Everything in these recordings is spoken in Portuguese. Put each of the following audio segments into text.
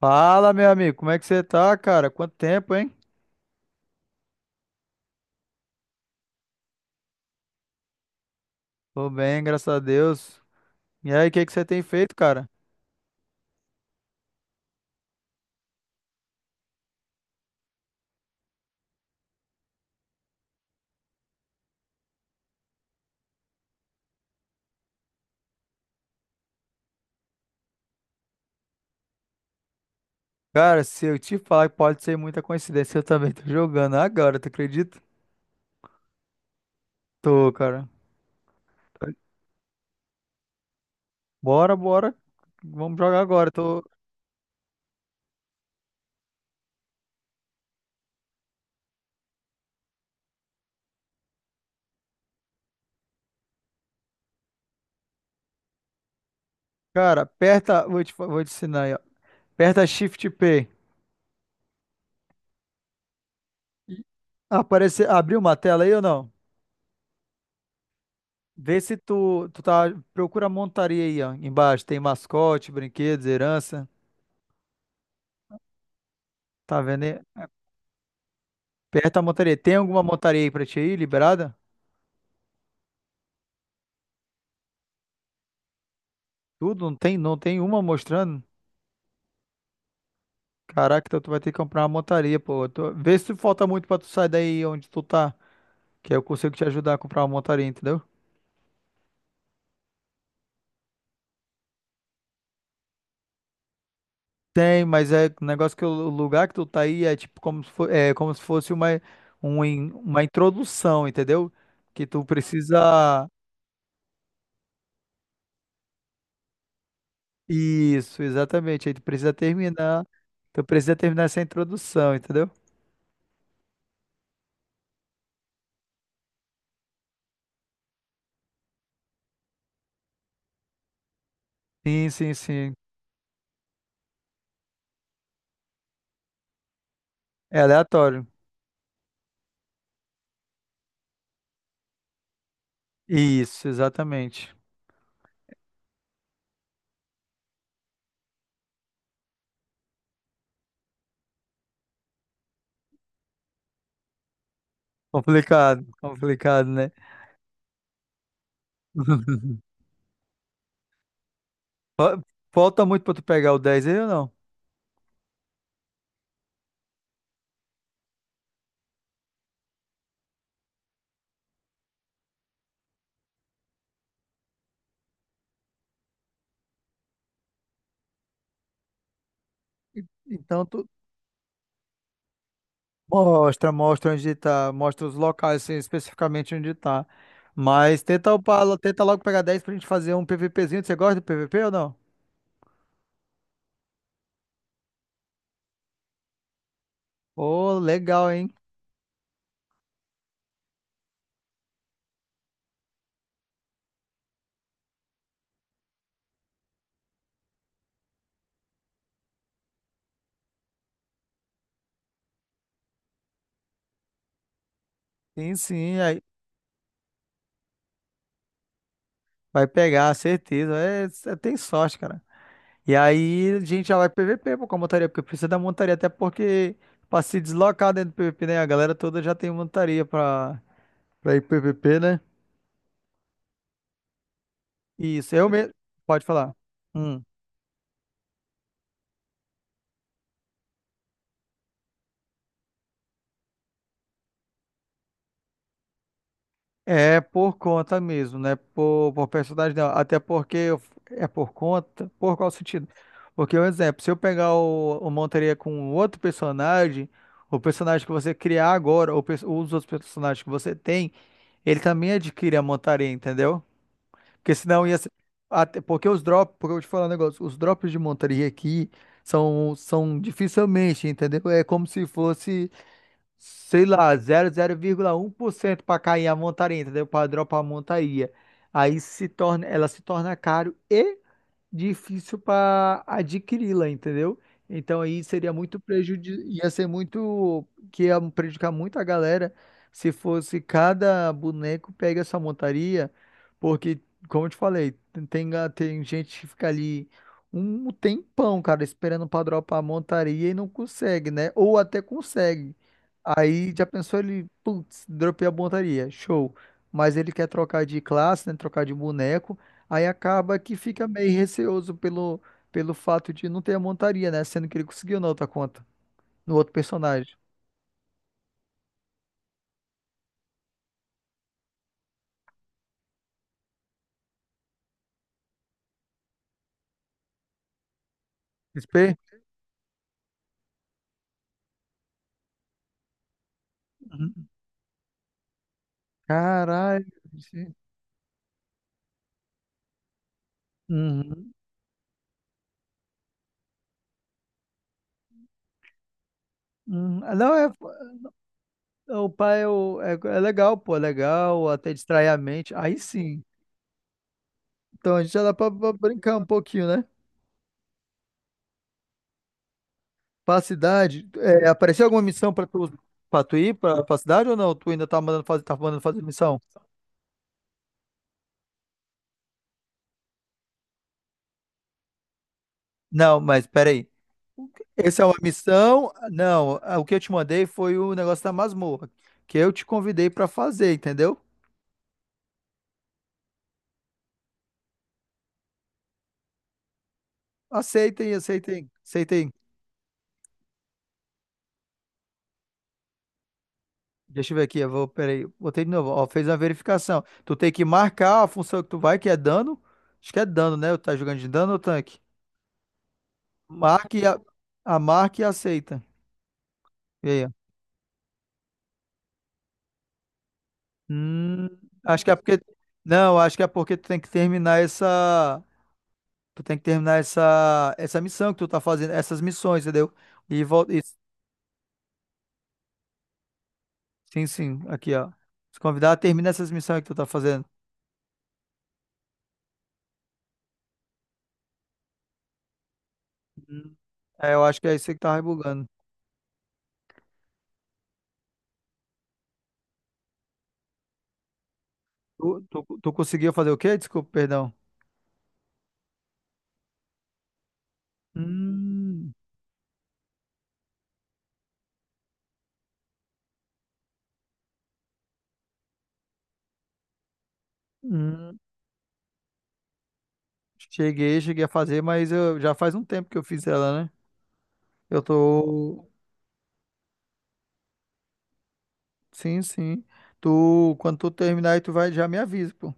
Fala, meu amigo, como é que você tá, cara? Quanto tempo, hein? Tô bem, graças a Deus. E aí, o que que você tem feito, cara? Cara, se eu te falar que pode ser muita coincidência, eu também tô jogando agora, tu acredita? Tô, cara. Bora, bora. Vamos jogar agora. Tô, cara, aperta, vou te ensinar aí, ó. Aperta Shift P. Aparece, abriu uma tela aí ou não? Vê se tu, tu tá, procura a montaria aí, ó, embaixo. Tem mascote, brinquedos, herança. Tá vendo aí? Perto da montaria. Tem alguma montaria aí pra ti aí, liberada? Tudo? Não tem uma mostrando? Caraca, então tu vai ter que comprar uma montaria, pô. Vê se falta muito pra tu sair daí onde tu tá. Que aí eu consigo te ajudar a comprar uma montaria, entendeu? Tem, mas é o negócio que o lugar que tu tá aí é tipo como se fosse uma introdução, entendeu? Que tu precisa. Isso, exatamente. Aí tu precisa terminar. Tu precisa terminar essa introdução, entendeu? Sim, sim, sim. É aleatório. Isso, exatamente. Complicado, complicado, né? Fa- Falta muito pra tu pegar o 10 aí ou não? Então tu mostra, mostra onde tá, mostra os locais assim, especificamente onde tá. Mas tenta logo pegar 10 pra gente fazer um PVPzinho. Você gosta do PVP ou não? Ô, legal, hein? Sim, sim. Aí vai pegar, certeza. É, cê tem sorte, cara. E aí a gente já vai pro PVP, pô, com a montaria, porque precisa da montaria, até porque pra se deslocar dentro do PVP, né? A galera toda já tem montaria pra ir pro PVP, né? Isso, eu mesmo. Pode falar. Hum. É por conta mesmo, né? Por personagem, não. É por conta. Por qual sentido? Porque, um exemplo, se eu pegar o montaria com outro personagem, o personagem que você criar agora, os outros personagens que você tem, ele também adquire a montaria, entendeu? Porque senão ia ser. Porque os drops, porque eu vou te falar um negócio, os drops de montaria aqui são, são dificilmente, entendeu? É como se fosse, sei lá, zero zero vírgula zero um por cento para cair a montaria, entendeu? Para dropar a montaria. Aí se torna, ela se torna caro e difícil para adquiri-la, entendeu? Então aí seria muito prejuízo, ia ser muito, que ia prejudicar muito a galera se fosse cada boneco pega essa montaria, porque, como eu te falei, tem gente que fica ali um tempão, cara, esperando pra dropar a montaria e não consegue, né? Ou até consegue. Aí já pensou ele, putz, dropei a montaria, show. Mas ele quer trocar de classe, né? Trocar de boneco. Aí acaba que fica meio receoso pelo fato de não ter a montaria, né? Sendo que ele conseguiu na outra conta, no outro personagem. XP? Uhum. Caralho. Gente. Uhum. Uhum. Ah, não, o pai é, é legal, pô, é legal, até distrai a mente. Aí sim. Então a gente já dá pra, pra brincar um pouquinho, né? Pra cidade, é, apareceu alguma missão pra tu ir pra cidade ou não? Tu ainda tá mandando fazer missão? Não, mas peraí. Essa é uma missão? Não, ah, o que eu te mandei foi o negócio da masmorra, que eu te convidei pra fazer, entendeu? Aceitem, aceitem, aceitem. Deixa eu ver aqui, eu vou, peraí, botei de novo, ó, fez uma verificação. Tu tem que marcar a função que tu vai, que é dano. Acho que é dano, né? Tá jogando de dano ou tanque? Marque a, a marca e aceita. E aí, ó. Hum, acho que é porque. Não, acho que é porque tu tem que terminar essa. Tu tem que terminar essa, essa missão que tu tá fazendo, essas missões, entendeu? E volta. Sim, sim, aqui, ó. Se convidar, termina essas missões que tu tá fazendo. Hum. É, eu acho que é isso aí que tá rebugando. Tu conseguiu fazer o quê? Desculpa, perdão. Hum, hum. Cheguei, cheguei a fazer, mas eu, já faz um tempo que eu fiz ela, né? Eu tô. Sim, sim. Tu, quando tu terminar aí, tu vai, já me avisa, pô.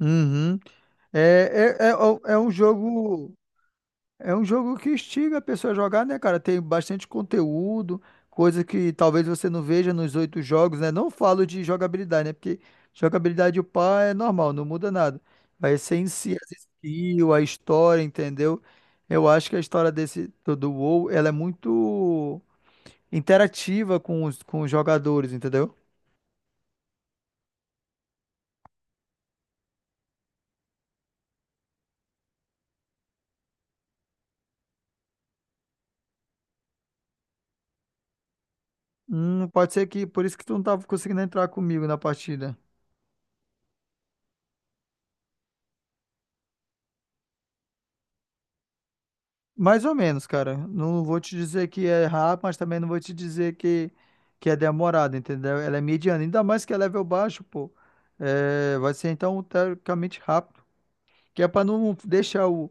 Uhum. É, é, é, é um jogo. É um jogo que instiga a pessoa a jogar, né, cara? Tem bastante conteúdo, coisa que talvez você não veja nos oito jogos, né? Não falo de jogabilidade, né? Porque jogabilidade o pá é normal, não muda nada. Vai ser em si as skills, a história, entendeu? Eu acho que a história desse do WoW, ela é muito interativa com os jogadores, entendeu? Pode ser que por isso que tu não tava conseguindo entrar comigo na partida. Mais ou menos, cara. Não vou te dizer que é rápido, mas também não vou te dizer que é demorado, entendeu? Ela é mediana, ainda mais que é level baixo, pô. É, vai ser então teoricamente rápido, que é para não deixar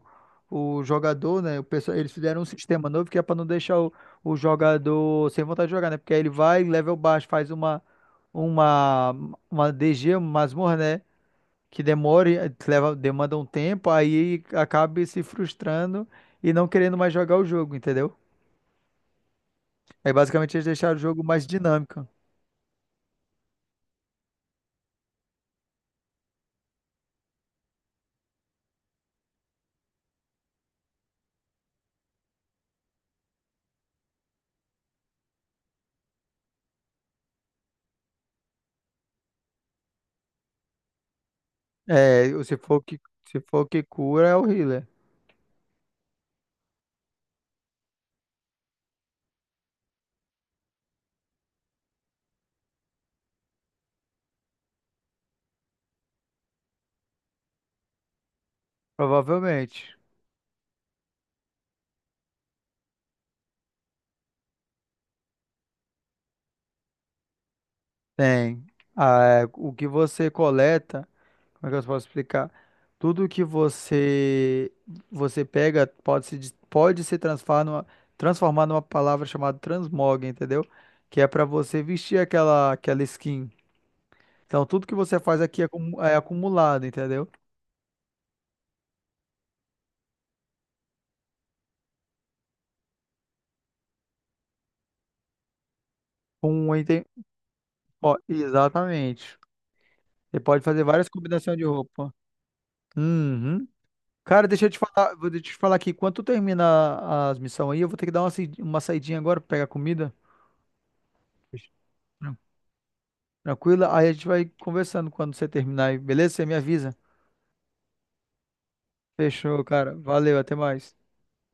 o jogador, né? O pessoal, eles fizeram um sistema novo que é para não deixar o jogador sem vontade de jogar, né? Porque aí ele vai level baixo, faz uma uma DG, uma masmorra, né? Que demore, demanda um tempo, aí acabe se frustrando e não querendo mais jogar o jogo, entendeu? Aí basicamente eles deixaram o jogo mais dinâmico. É, se for o que, se for o que cura é o healer, provavelmente. Tem. Ah, é, o que você coleta, como é que eu posso explicar? Tudo que você pega pode se, des- pode se transformar numa, transformar numa palavra chamada transmog, entendeu? Que é pra você vestir aquela, aquela skin. Então, tudo que você faz aqui é acumulado, entendeu? Com um item. Ó, exatamente. Você pode fazer várias combinações de roupa. Uhum. Cara, deixa eu te falar, vou te falar aqui. Quando tu termina as missões aí, eu vou ter que dar uma, uma saidinha agora pra pegar comida. Tran- Tranquila? Aí a gente vai conversando quando você terminar aí, beleza? Você me avisa. Fechou, cara. Valeu, até mais.